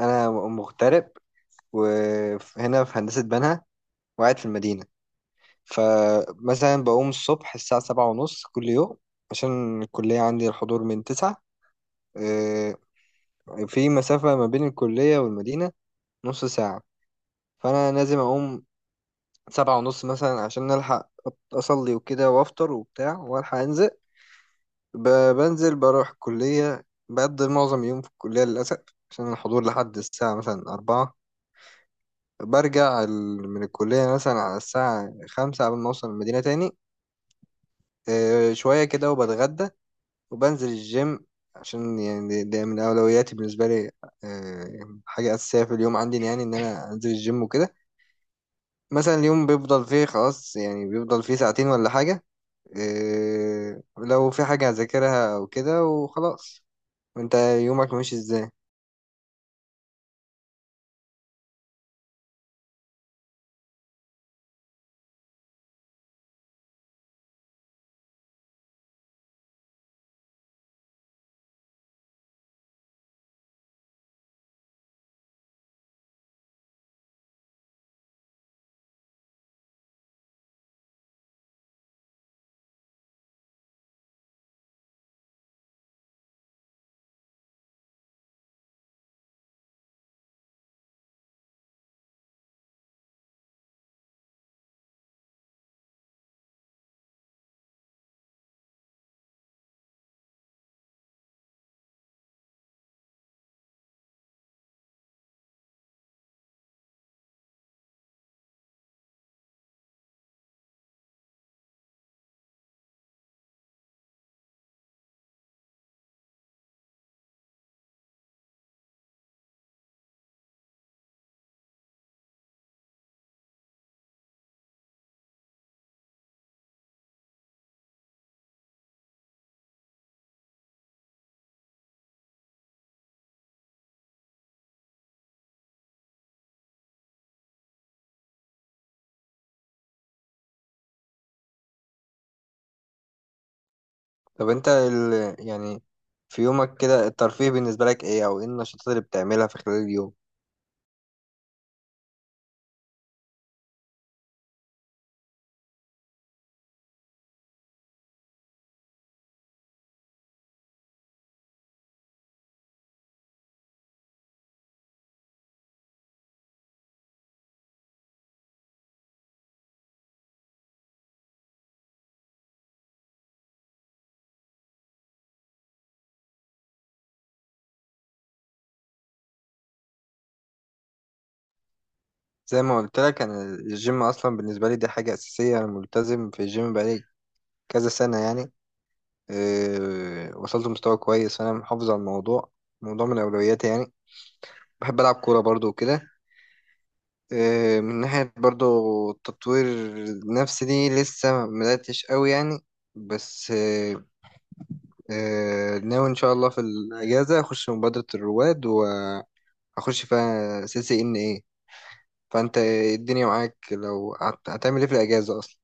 انا مغترب، وهنا في هندسه بنها، وقاعد في المدينه. فمثلا بقوم الصبح الساعه 7:30 كل يوم، عشان الكليه عندي الحضور من 9. آه، في مسافه ما بين الكليه والمدينه نص ساعه، فانا لازم اقوم 7:30 مثلا عشان الحق اصلي وكده وافطر وبتاع والحق انزل. بنزل بروح الكليه، بقضي معظم يوم في الكليه للاسف، عشان الحضور لحد الساعه مثلا 4. برجع من الكلية مثلا على الساعة 5 قبل ما أوصل المدينة تاني. شوية كده وبتغدى وبنزل الجيم، عشان يعني ده من أولوياتي بالنسبة لي. حاجة أساسية في اليوم عندي، يعني إن أنا أنزل الجيم وكده. مثلا اليوم بيفضل فيه خلاص، يعني بيفضل فيه ساعتين ولا حاجة. لو في حاجة هذاكرها أو كده وخلاص. وأنت يومك ماشي إزاي؟ طب أنت يعني في يومك كده الترفيه بالنسبة لك إيه؟ أو إيه النشاطات اللي بتعملها في خلال اليوم؟ زي ما قلت لك، انا الجيم اصلا بالنسبه لي دي حاجه اساسيه، انا ملتزم في الجيم بقالي كذا سنه يعني. وصلت لمستوى كويس، فانا محافظ على الموضوع، موضوع من اولوياتي يعني. بحب العب كوره برضو وكده. من ناحيه برضو التطوير النفسي، دي لسه ما بداتش قوي يعني. بس أه أه ناوي ان شاء الله في الاجازه اخش مبادره الرواد، وهخش فيها CCNA. فانت إيه الدنيا معاك؟ لو هتعمل ايه في الاجازه اصلا؟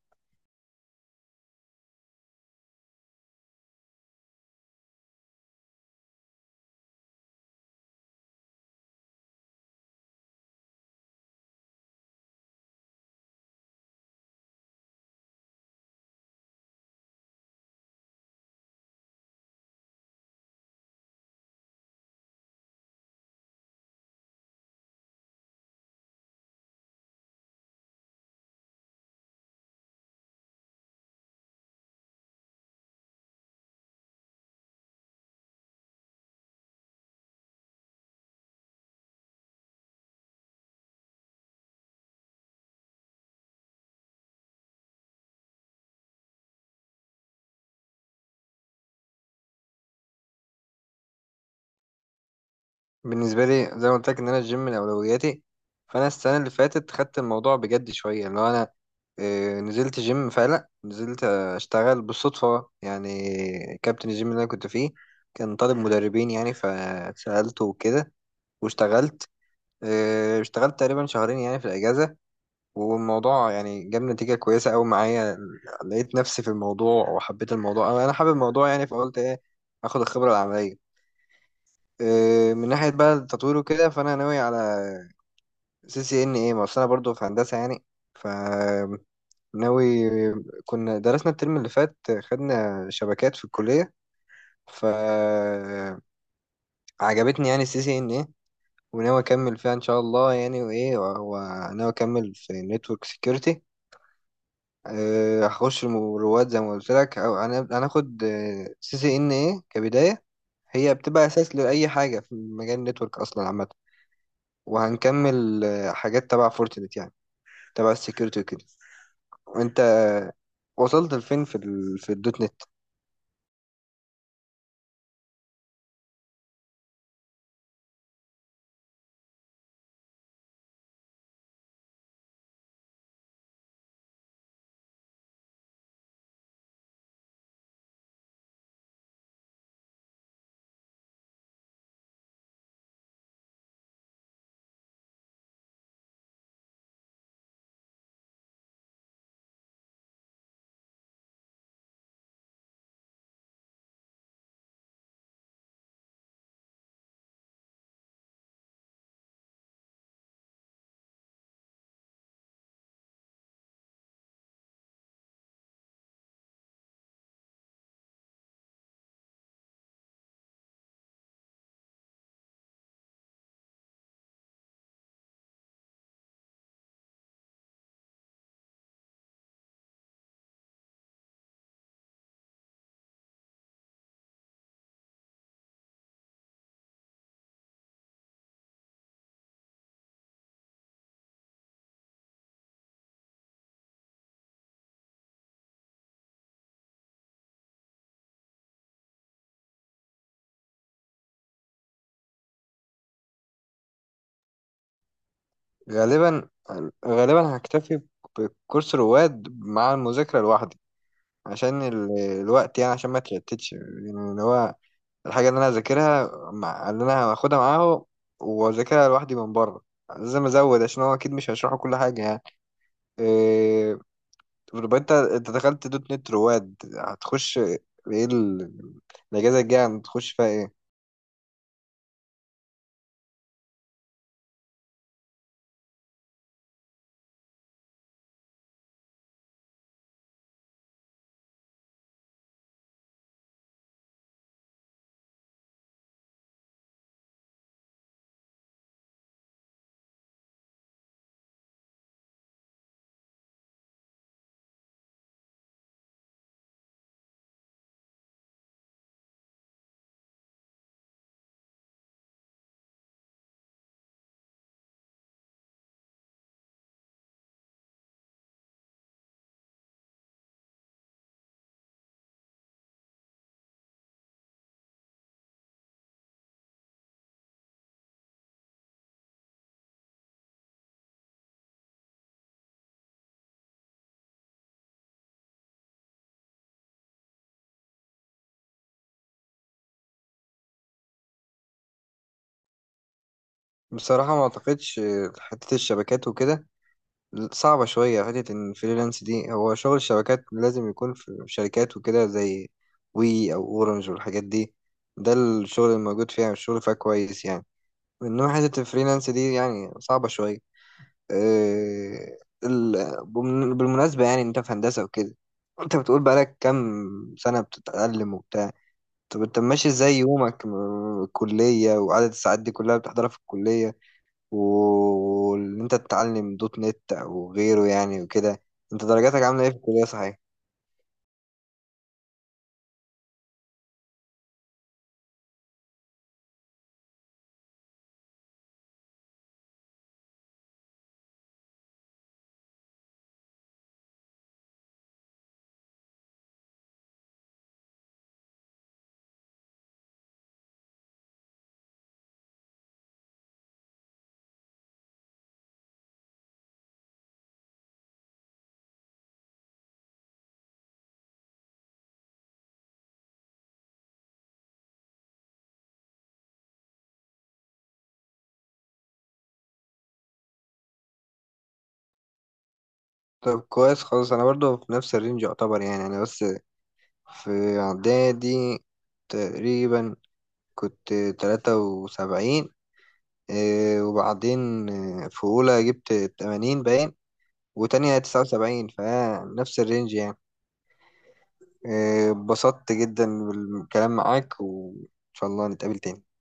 بالنسبة لي زي ما قلت لك إن أنا الجيم من أولوياتي، فأنا السنة اللي فاتت خدت الموضوع بجد شوية، اللي هو أنا نزلت جيم فعلا، نزلت أشتغل بالصدفة يعني. كابتن الجيم اللي أنا كنت فيه كان طالب مدربين يعني، فسألته وكده واشتغلت. اشتغلت تقريبا شهرين يعني في الأجازة، والموضوع يعني جاب نتيجة كويسة أوي معايا. لقيت نفسي في الموضوع وحبيت الموضوع، أنا حابب الموضوع يعني، فقلت إيه، آخد الخبرة العملية. من ناحية بقى التطوير وكده، فأنا ناوي على CCNA، ما أصل أنا برضه في هندسة يعني. ف ناوي، كنا درسنا الترم اللي فات خدنا شبكات في الكلية، فعجبتني يعني السي سي إن إيه، وناوي أكمل فيها إن شاء الله يعني. وناوي أكمل في نتورك سيكيورتي. هخش رواد زي ما قلت لك، أو هناخد CCNA كبداية. هي بتبقى أساس لأي حاجة في مجال النتورك أصلا عامة. وهنكمل حاجات تبع فورتنت يعني، تبع السكيورتي وكده. وانت وصلت لفين في الدوت نت؟ غالبا غالبا هكتفي بكورس رواد مع المذاكرة لوحدي، عشان الوقت يعني، عشان ما تشتتش يعني، اللي هو الحاجة اللي انا هذاكرها مع اللي انا هاخدها معاه واذاكرها لوحدي من بره لازم ازود، عشان هو اكيد مش هيشرحوا كل حاجة يعني. آه، طب يبقى انت دخلت .NET رواد، هتخش ايه؟ ال- الاجازه الجايه هتخش فيها ايه؟ بصراحه ما اعتقدش. حته الشبكات وكده صعبه شويه، حته ان الفريلانس دي، هو شغل الشبكات لازم يكون في شركات وكده زي وي او اورنج والحاجات دي. ده الشغل الموجود فيها، الشغل فيها كويس يعني، انما حته الفريلانس دي يعني صعبه شويه. اه ال- بالمناسبه، يعني انت في هندسه وكده، انت بتقول بقالك كام سنه بتتعلم وبتاع؟ طب انت ماشي ازاي يومك، الكلية وعدد الساعات دي كلها بتحضرها في الكلية، وان انت تتعلم دوت نت او غيره يعني وكده؟ انت درجاتك عاملة ايه في الكلية صحيح؟ طب كويس خالص، انا برضو في نفس الرينج يعتبر يعني. انا بس في اعدادي تقريبا كنت 73. اه، وبعدين اه، في اولى جبت 80 باين، وتانية 79، فنفس الرينج يعني. اتبسطت جدا بالكلام معاك، وإن شاء الله نتقابل تاني.